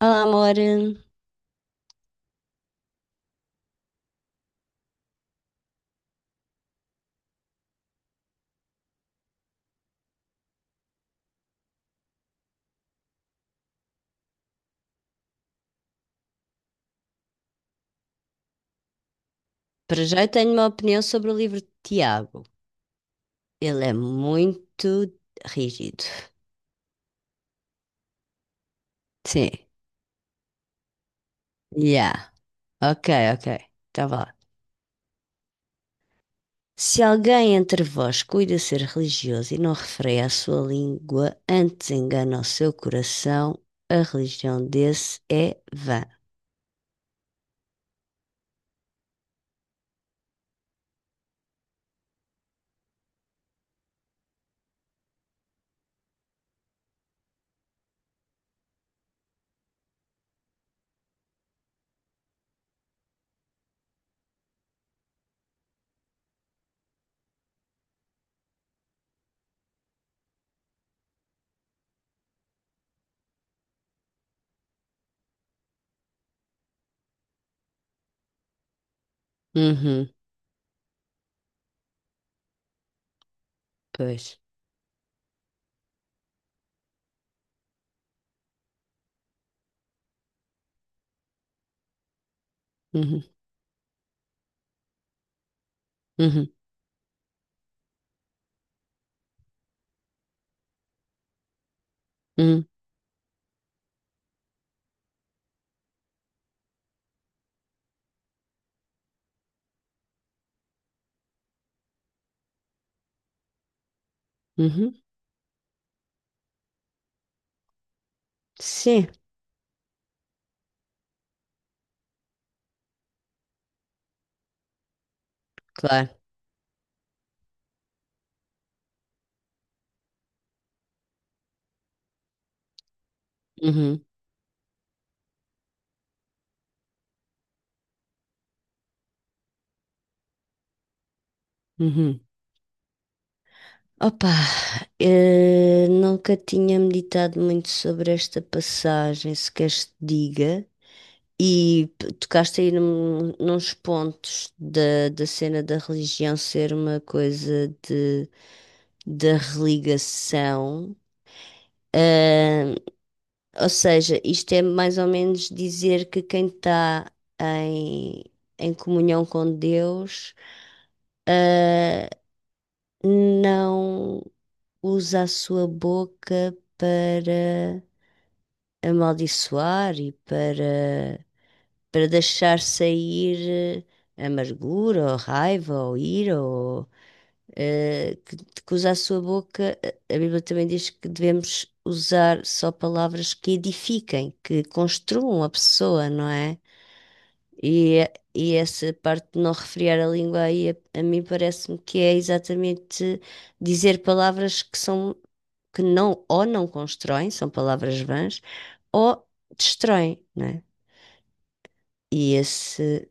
Olá, amor. Para já eu tenho uma opinião sobre o livro de Tiago. Ele é muito rígido. Sim. Yeah. Ok, ok. Tá bom. Se alguém entre vós cuida ser religioso e não refreia a sua língua, antes engana o seu coração, a religião desse é vã. Uhum. Pois. Uhum. Uhum. Uhum. Uhum. Sim, claro. Uhum. Uhum. Opa, nunca tinha meditado muito sobre esta passagem, se queres te diga, e tocaste aí nos pontos da cena da religião ser uma coisa de, da religação. Eh, ou seja, isto é mais ou menos dizer que quem está em, em comunhão com Deus, eh, não usa a sua boca para amaldiçoar e para, para deixar sair amargura ou raiva ou ira ou eh, que, que usar a sua boca. A Bíblia também diz que devemos usar só palavras que edifiquem, que construam a pessoa, não é? E, e essa parte de não refriar a língua aí, a mim parece-me que é exatamente dizer palavras que são, que não, ou não constroem, são palavras vãs, ou destroem, não é? E esse,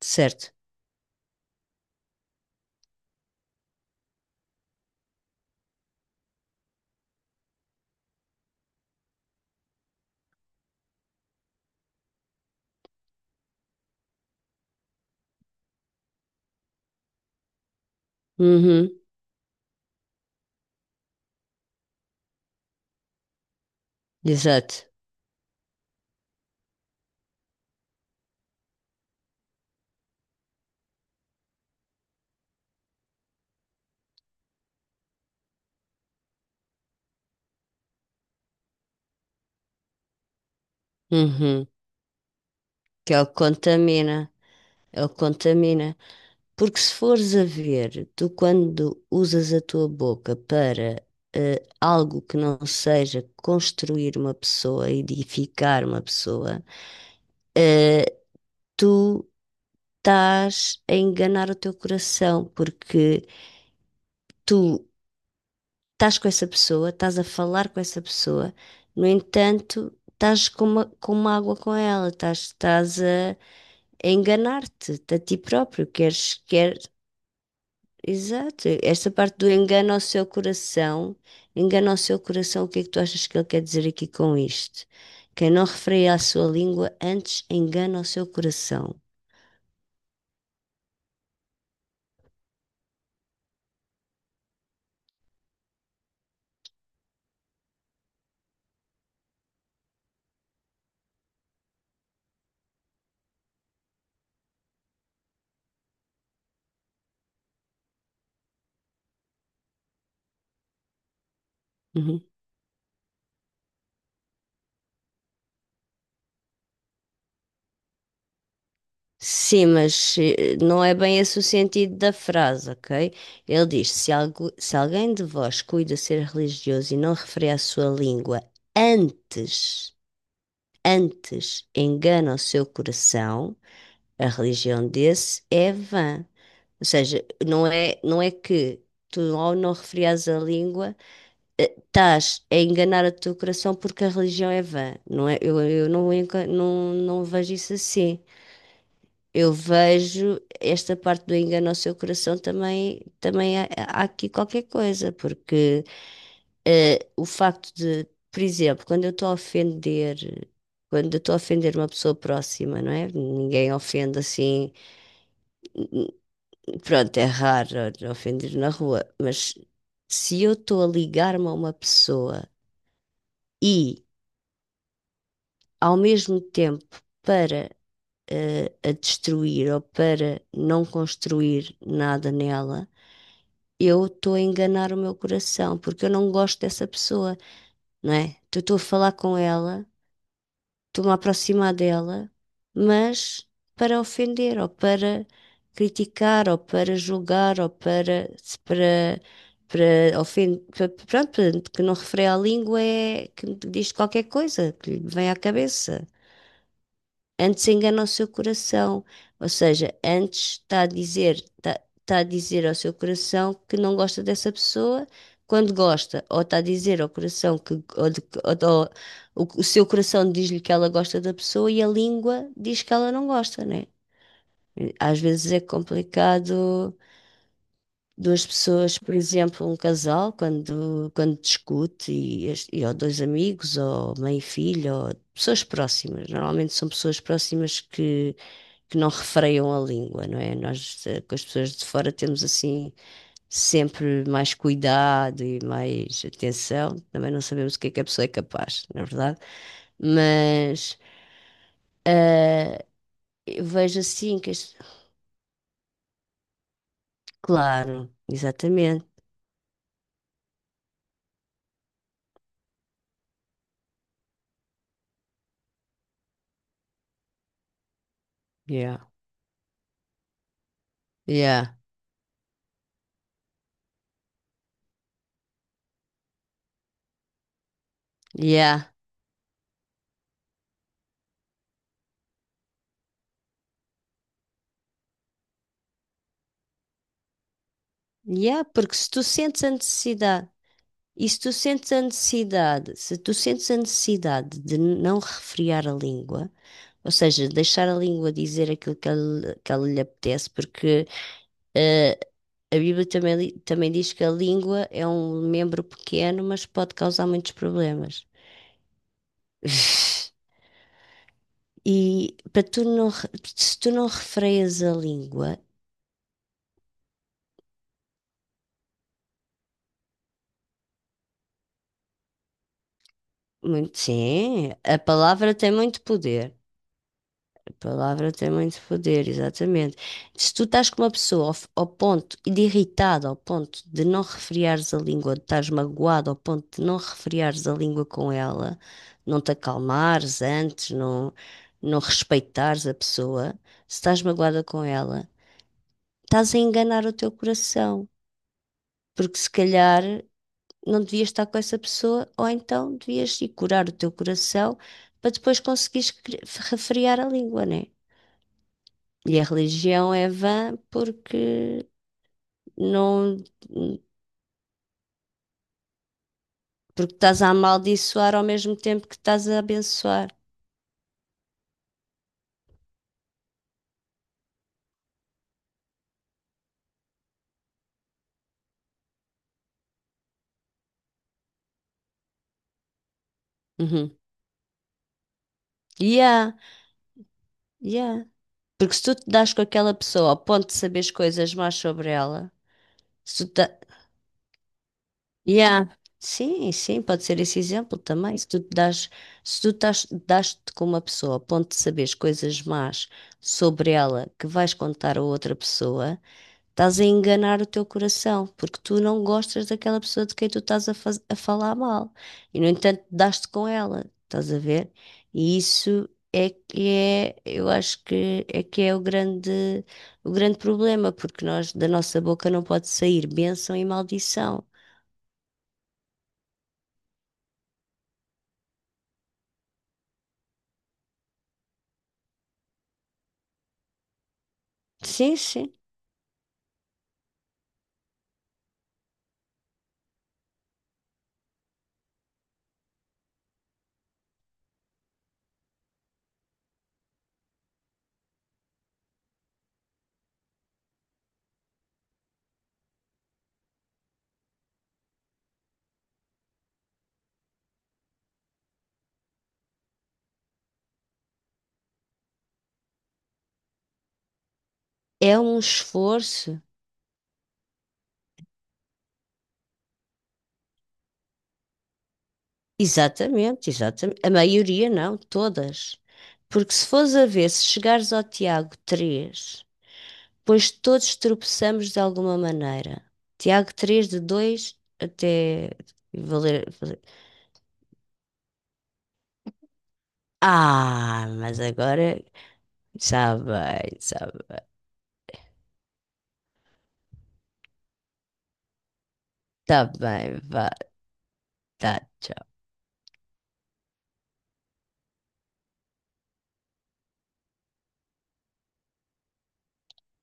certo, uhum, exato, uhum. Que ele contamina, ele contamina. Porque se fores a ver, tu quando usas a tua boca para algo que não seja construir uma pessoa, edificar uma pessoa, eh, tu estás a enganar o teu coração, porque tu estás com essa pessoa, estás a falar com essa pessoa, no entanto, estás com uma água com ela, estás, estás a enganar-te a ti próprio, queres, quer, exato, esta parte do engano ao seu coração, engana ao seu coração, o que é que tu achas que ele quer dizer aqui com isto? Quem não refreia a sua língua antes engana o seu coração. Uhum. Sim, mas não é bem esse o sentido da frase, ok? Ele diz: se, se alguém de vós cuida ser religioso e não refere à sua língua, antes, antes engana o seu coração, a religião desse é vã. Ou seja, não é, não é que tu, ao não referias à língua, estás a enganar o teu coração porque a religião é vã. Não é, eu não, não vejo isso assim. Eu vejo esta parte do engano ao seu coração também, também há, há aqui qualquer coisa, porque o facto de, por exemplo, quando eu estou a ofender, quando eu estou a ofender uma pessoa próxima, não é? Ninguém ofende assim, pronto, é raro ofender na rua, mas se eu estou a ligar-me a uma pessoa e ao mesmo tempo para a destruir ou para não construir nada nela eu estou a enganar o meu coração, porque eu não gosto dessa pessoa, não é? Então, eu estou a falar com ela, estou-me a aproximar dela, mas para ofender, ou para criticar, ou para julgar, ou para, para, para ofender, pronto, que não refere à língua, é que diz qualquer coisa que lhe vem à cabeça. Antes engana o seu coração, ou seja, antes está a dizer, está, está a dizer ao seu coração que não gosta dessa pessoa quando gosta, ou está a dizer ao coração que ou- ou o seu coração diz-lhe que ela gosta da pessoa e a língua diz que ela não gosta, né? Às vezes é complicado duas pessoas, por exemplo, um casal, quando, quando discute, e ou dois amigos, ou mãe e filho, ou pessoas próximas. Normalmente são pessoas próximas que não refreiam a língua, não é? Nós, com as pessoas de fora, temos assim sempre mais cuidado e mais atenção. Também não sabemos o que é que a pessoa é capaz, na verdade. Mas eh, eu vejo assim que. Claro, exatamente. Yeah. Yeah. Yeah. Yeah, porque se tu sentes a necessidade. E se tu sentes a necessidade, se tu sentes a necessidade de não refrear a língua, ou seja, deixar a língua dizer aquilo que ela lhe apetece, porque eh, a Bíblia também, também diz que a língua é um membro pequeno, mas pode causar muitos problemas. E para tu. Se tu não refreias a língua, muito, sim, a palavra tem muito poder. Palavra tem muito poder, exatamente. Se tu estás com uma pessoa ao ponto de irritada, ao ponto de não refriares a língua, de estás magoado, ao ponto de não refriares a língua com ela, não te acalmares antes, não, não respeitares a pessoa, se estás magoada com ela, estás a enganar o teu coração, porque se calhar não devias estar com essa pessoa, ou então devias ir curar o teu coração para depois conseguires refriar a língua, né? E a religião é vã porque não, porque estás a amaldiçoar ao mesmo tempo que estás a abençoar. Uhum. Yeah, yeah. Porque se tu te das com aquela pessoa ao ponto de saberes coisas más sobre ela, se tu ta- yeah. Sim, sim, pode ser esse exemplo também. Se tu te das, se tu estás, das-te com uma pessoa ao ponto de saberes coisas más sobre ela que vais contar a outra pessoa, estás a enganar o teu coração, porque tu não gostas daquela pessoa de quem tu estás a falar mal. E, no entanto, dás-te com ela, estás a ver? E isso é que é, eu acho que é o grande problema, porque nós, da nossa boca não pode sair bênção e maldição. Sim, sim. É um esforço. Exatamente, exatamente. A maioria não, todas. Porque se fores a ver, se chegares ao Tiago 3 pois todos tropeçamos de alguma maneira. Tiago 3:2 até valer. Ah, mas agora. Está bem, está bem. Está bem, vá. Tá, tchau.